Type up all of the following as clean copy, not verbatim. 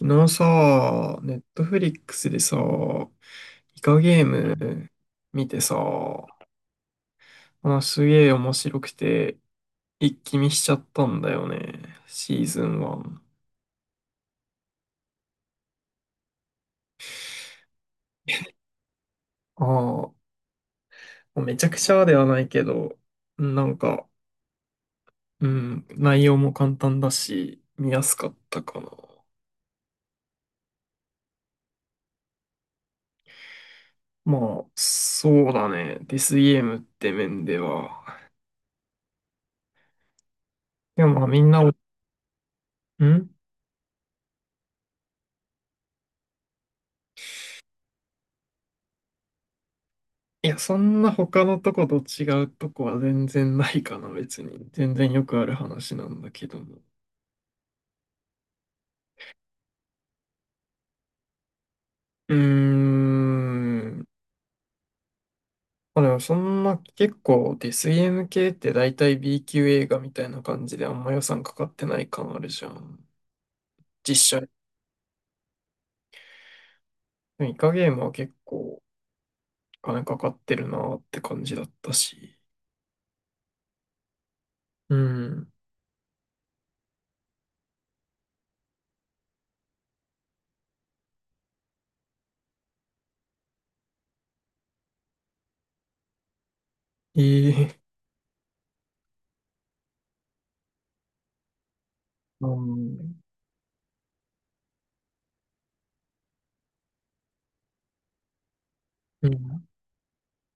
昨日さ、ネットフリックスでさ、イカゲーム見てさ、あ、すげえ面白くて、一気見しちゃったんだよね、シーズン1。ああ、めちゃくちゃではないけど、なんか、うん、内容も簡単だし、見やすかったかな。まあ、そうだね、デスゲームって面では。でもまあみんな、いや、そんな他のとこと違うとこは全然ないかな、別に。全然よくある話なんだけども。うーん。まあでもそんな結構デスゲーエム系って大体 B 級映画みたいな感じであんま予算かかってない感あるじゃん。実写。でもイカゲームは結構お金かかってるなって感じだったし。うん。ええ。うん。うん。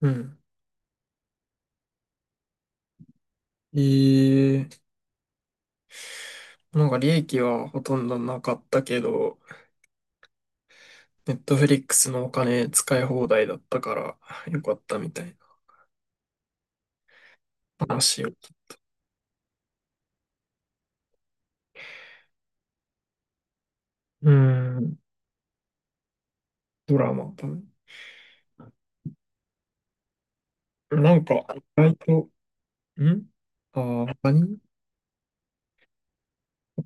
うん。ええ。なんか利益はほとんどなかったけど、ネットフリックスのお金使い放題だったからよかったみたいな話を聞い。うーん、ドラマ。多分なんか、意外と、んあー、他に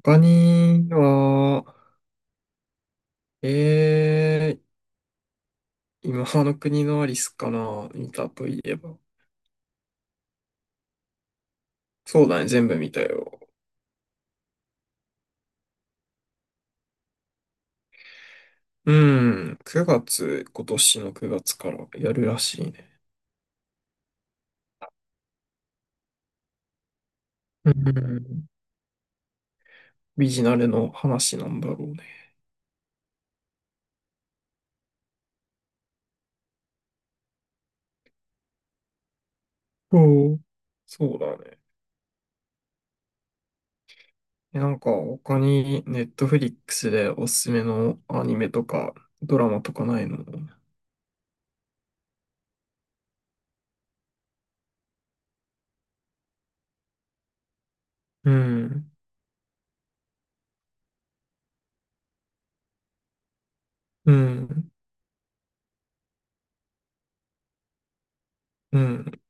他には、えー、今の国のアリスかな見たといえば。そうだね、全部見たよ。うん、9月、今年の9月からやるらしいね。うん、ビジナルの話なんだろうね。おそうだね。え、なんか他にネットフリックスでおすすめのアニメとかドラマとかないの？うん、うん、うん。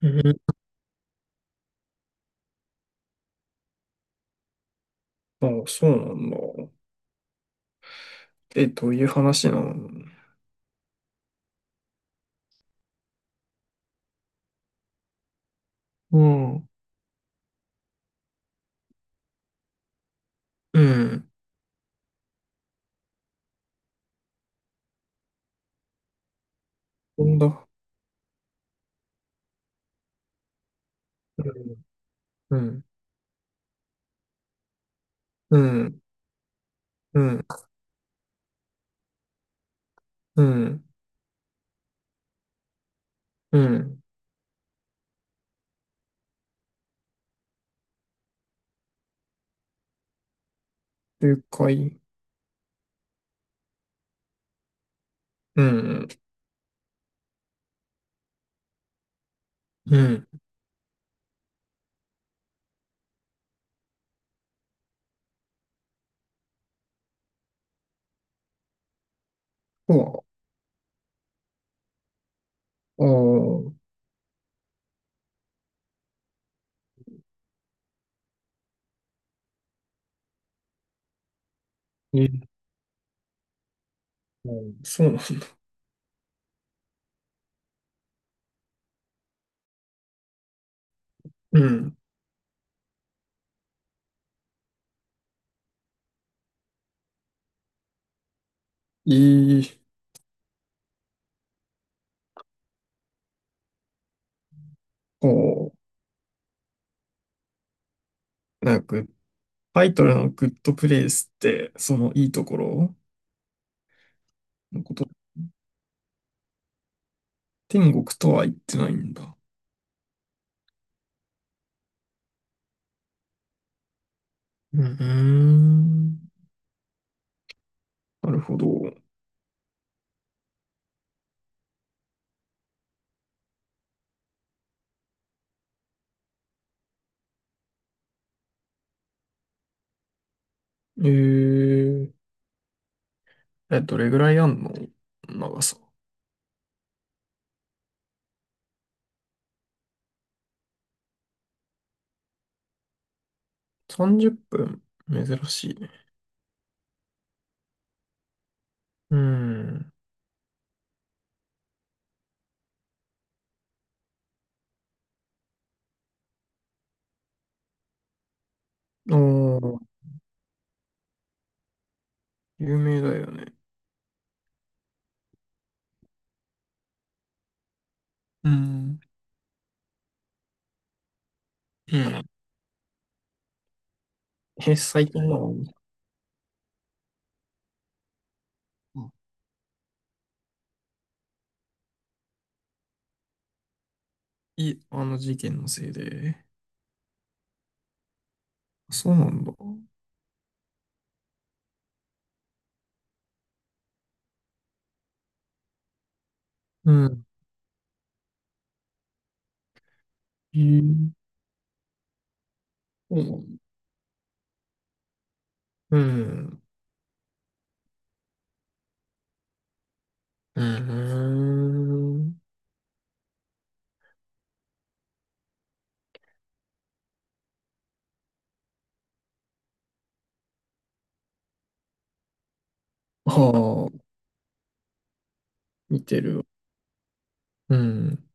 うん。あ、そうなんだ。え、どういう話なの？うん、うん、なんだ。うん、うん、うん、うん、うん。了解。うん、うん。そう。ああ、いい。うん。そうなんだ。うん。いい。こう、なんかタイトルのグッドプレイスって、そのいいところのこと、天国とは言ってないんだ。うん。うーん、なるほど。えー、え、どれぐらいあんの？長さ。30分。珍しいね。うん。おー、有名だよね。うん。うん。え、最近なの？あ、あの事件のせいで。そうなんだ。うん。えー、そうなんだ。うん。うん。うーん。ああ、見てる。うん。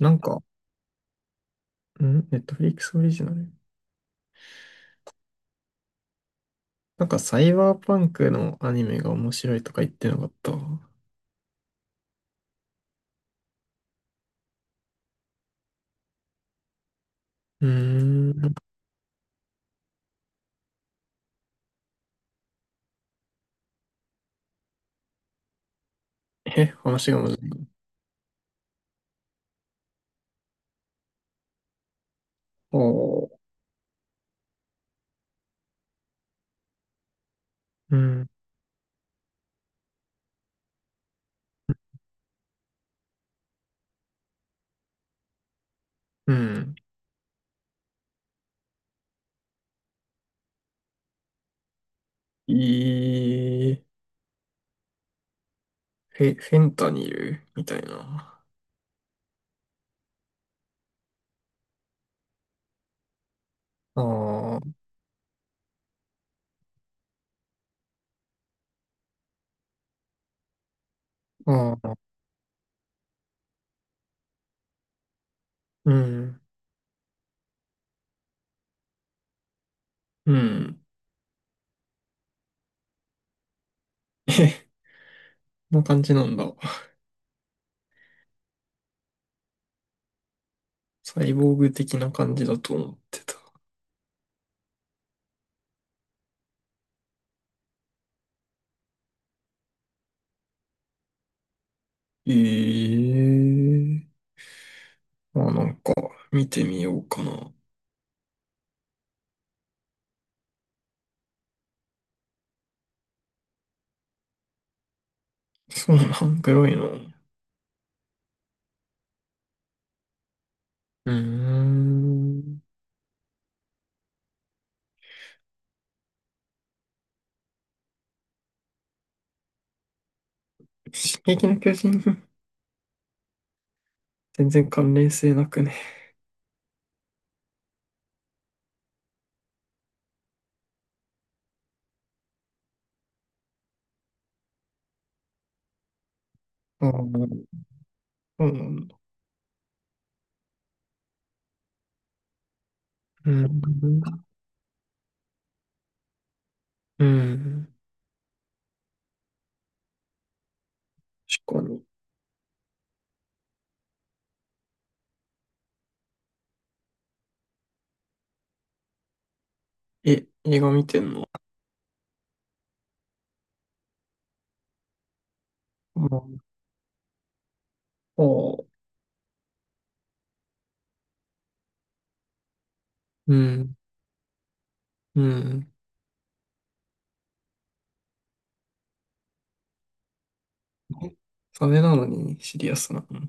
なんか、ネットフリックスオリジナル。なんか、サイバーパンクのアニメが面白いとか言ってなかった？うーん。え、話が難しい？おー。うん。うん。いい。フェンタニルみたいな。ああ、ああ、うん。うん。え、こんな感じなんだ。サイボーグ的な感じだと思ってた。ええー、まあなんか、見てみようかな。そうなの？グロいの？うーん。進撃の巨人、全然関連性なくね？ああ、そうなんだ。うん。うん。確かに。え、映画見てんの？ああ、そう。うん。うん。え、それなのにシリアスなの？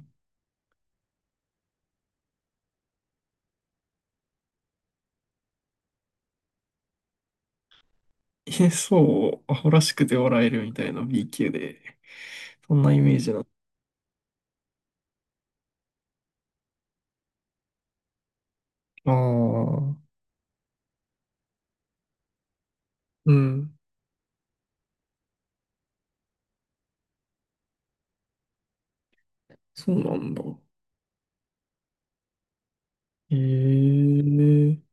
え、そう、アホらしくて笑えるみたいな B 級で。そんなイメージなの？ああ。うん。そうなんだ。ええ。